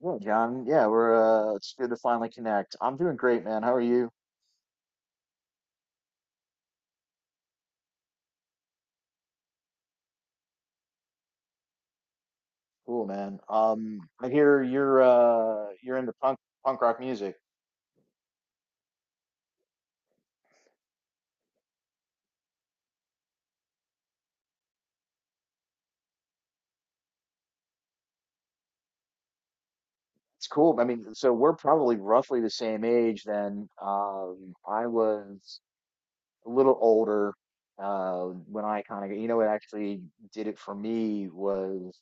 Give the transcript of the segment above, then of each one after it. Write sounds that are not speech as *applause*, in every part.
Yeah, John. Yeah, we're it's good to finally connect. I'm doing great, man. How are you? Cool, man. I hear you're into punk rock music. It's cool. I mean, so we're probably roughly the same age then. I was a little older when I kind of you know what actually did it for me was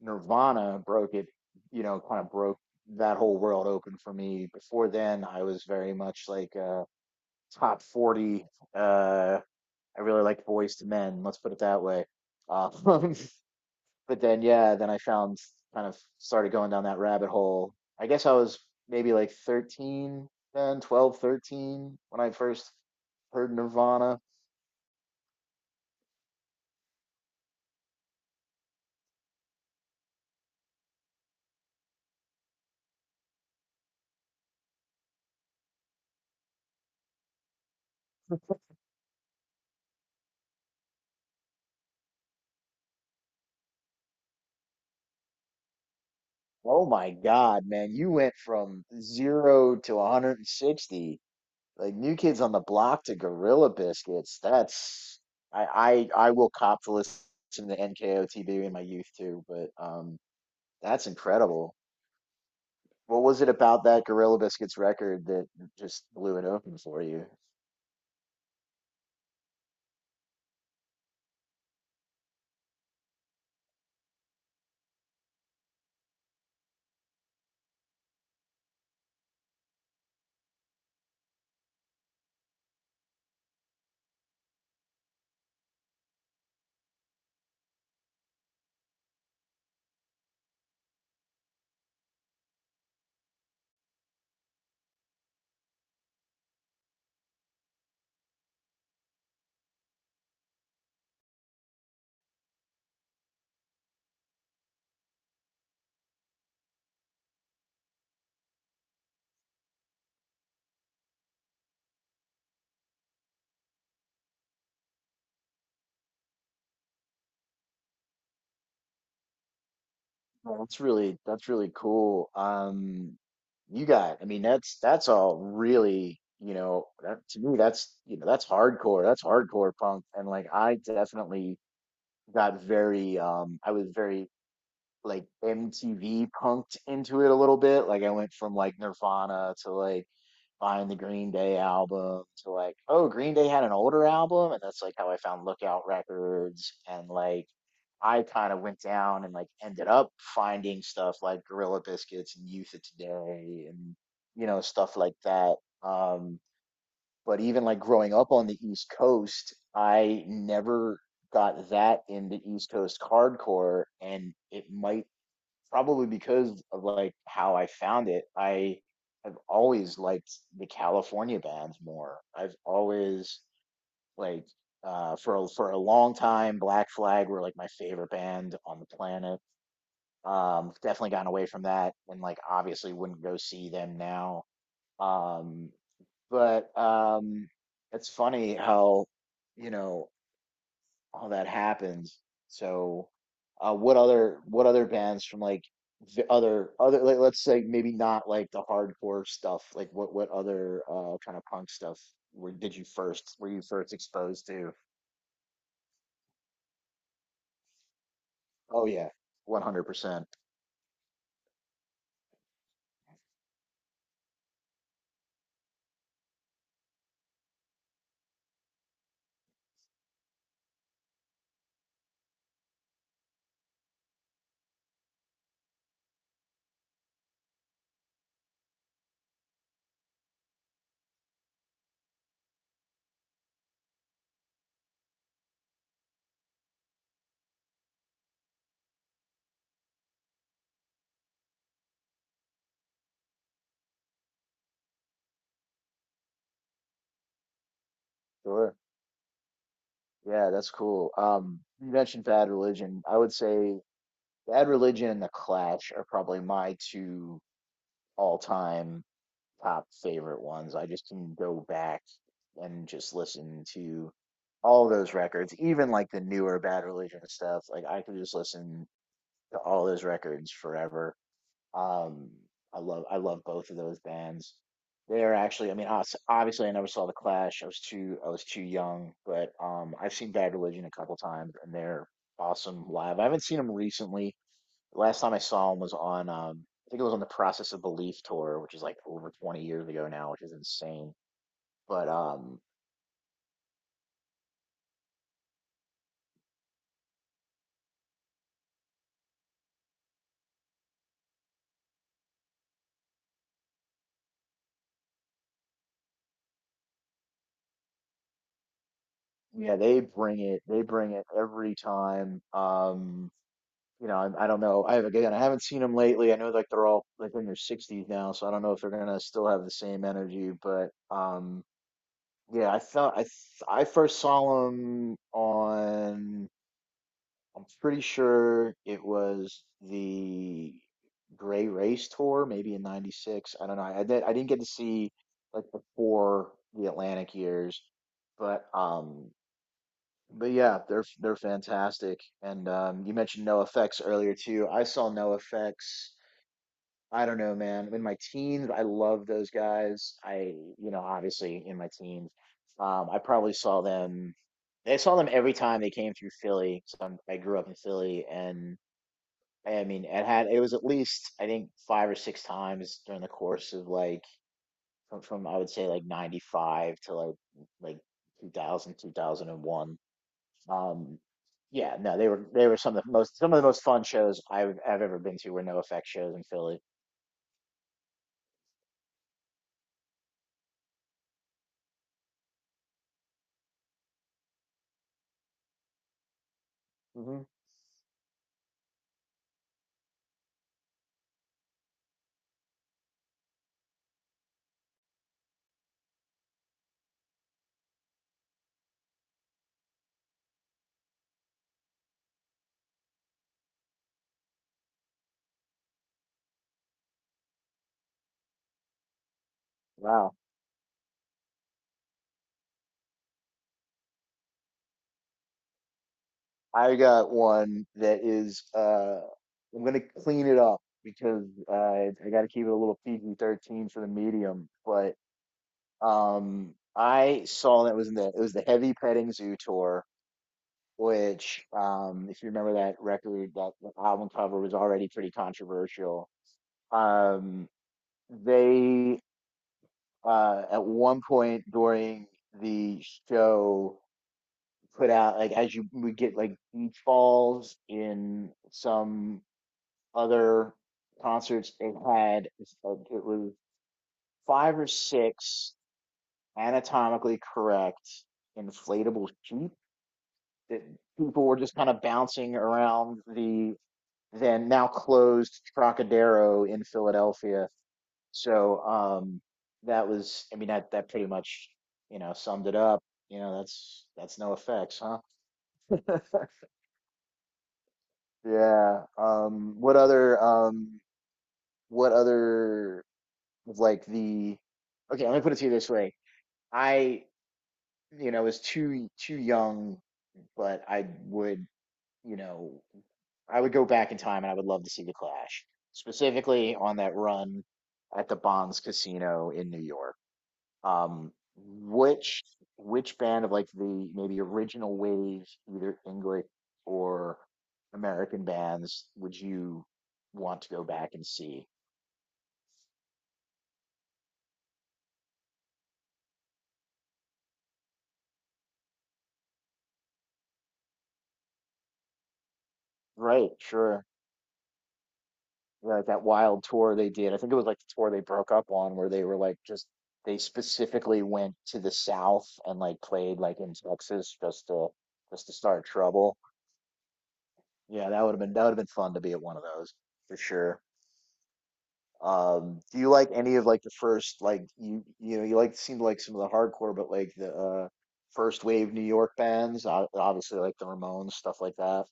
Nirvana broke it, you know, kind of broke that whole world open for me. Before then, I was very much like a top 40. uh I really liked boys to men. Let's put it that way. Um, *laughs* but then, yeah, then I found kind of started going down that rabbit hole. I guess I was maybe like 13, then 12, 13, when I first heard Nirvana. Oh my God, man, you went from zero to 160. Like New Kids on the Block to Gorilla Biscuits. That's I will cop to listen to NKOTB in my youth too, but that's incredible. What was it about that Gorilla Biscuits record that just blew it open for you? Well, that's really cool. I mean, that's all really, that to me that's you know that's hardcore. That's hardcore punk. And like I definitely got very, I was very like MTV punked into it a little bit. Like I went from like Nirvana to like find the Green Day album to like, oh, Green Day had an older album, and that's like how I found Lookout Records, and like I kind of went down and like ended up finding stuff like Gorilla Biscuits and Youth of Today, and stuff like that. Um, but even like growing up on the East Coast, I never got that into East Coast hardcore, and it might probably because of like how I found it, I have always liked the California bands more. I've always like for a long time Black Flag were like my favorite band on the planet. Definitely gotten away from that and like obviously wouldn't go see them now. Um but it's funny how you know all that happens. So, what other bands from like the other like let's say maybe not like the hardcore stuff. Like what other kind of punk stuff were did you first were you first exposed to? Oh yeah, 100% sure. Yeah, that's cool. You mentioned Bad Religion. I would say Bad Religion and The Clash are probably my two all time top favorite ones. I just can go back and just listen to all those records, even like the newer Bad Religion stuff. Like I could just listen to all those records forever. Um, I love both of those bands. They're actually, I mean, obviously, I never saw The Clash. I was too young, but I've seen Bad Religion a couple times, and they're awesome live. I haven't seen them recently. Last time I saw him was I think it was on the Process of Belief tour, which is like over 20 years ago now, which is insane. But yeah, they bring it. They bring it every time. I don't know. I Again, I haven't seen them lately. I know like they're all like in their 60s now, so I don't know if they're gonna still have the same energy. But yeah, I first saw them on. I'm pretty sure it was the Gray Race Tour, maybe in '96. I don't know. I did. I didn't get to see like before the Atlantic years, but yeah, they're fantastic. And you mentioned No Effects earlier too. I saw No Effects. I don't know, man. In my teens, I loved those guys. Obviously in my teens, I probably saw them. I saw them every time they came through Philly. So I grew up in Philly, and I mean, it was at least I think five or six times during the course of like from I would say like 95 to like 2001. Um yeah, no, they were some of the most fun shows I've ever been to were no effect shows in Philly. Hmm. Wow. I got one that is I'm gonna clean it up because I got to keep it a little PG-13 for the medium, but I saw that was in the it was the Heavy Petting Zoo tour, which if you remember that record, that album cover was already pretty controversial. Um, they at one point during the show put out like as you would get like beach balls in some other concerts they had it's like, it was five or six anatomically correct inflatable sheep that people were just kind of bouncing around the then now closed Trocadero in Philadelphia. So that was, I mean, that pretty much, summed it up. You know, that's no effects, huh? *laughs* Yeah. What other like the okay, let me put it to you this way. I was too young, but you know, I would go back in time and I would love to see the Clash, specifically on that run at the Bonds Casino in New York. Um, which which band of like the maybe original wave, either English or American bands, would you want to go back and see? Right, sure. Yeah, like that wild tour they did. I think it was like the tour they broke up on, where they were like just they specifically went to the South and like played like in Texas just to start trouble. Yeah, that would have been fun to be at one of those for sure. Do you like any of like the first you know, you like seem to like some of the hardcore but like the first wave New York bands, obviously like the Ramones, stuff like that.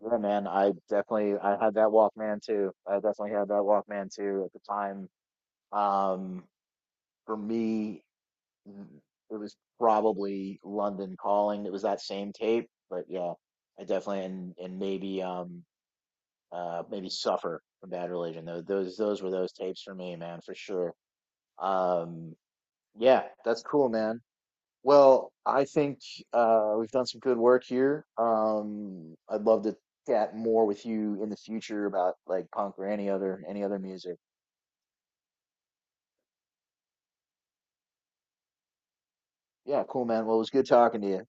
Yeah, man, I had that Walkman too. I definitely had that Walkman too at the time. Um, for me, mm, it was probably London Calling. It was that same tape, but yeah, I definitely and maybe suffer from Bad Religion. Those were those tapes for me, man, for sure. Um, yeah, that's cool, man. Well, I think we've done some good work here. I'd love to chat more with you in the future about like punk or any other music. Yeah, cool, man. Well, it was good talking to you.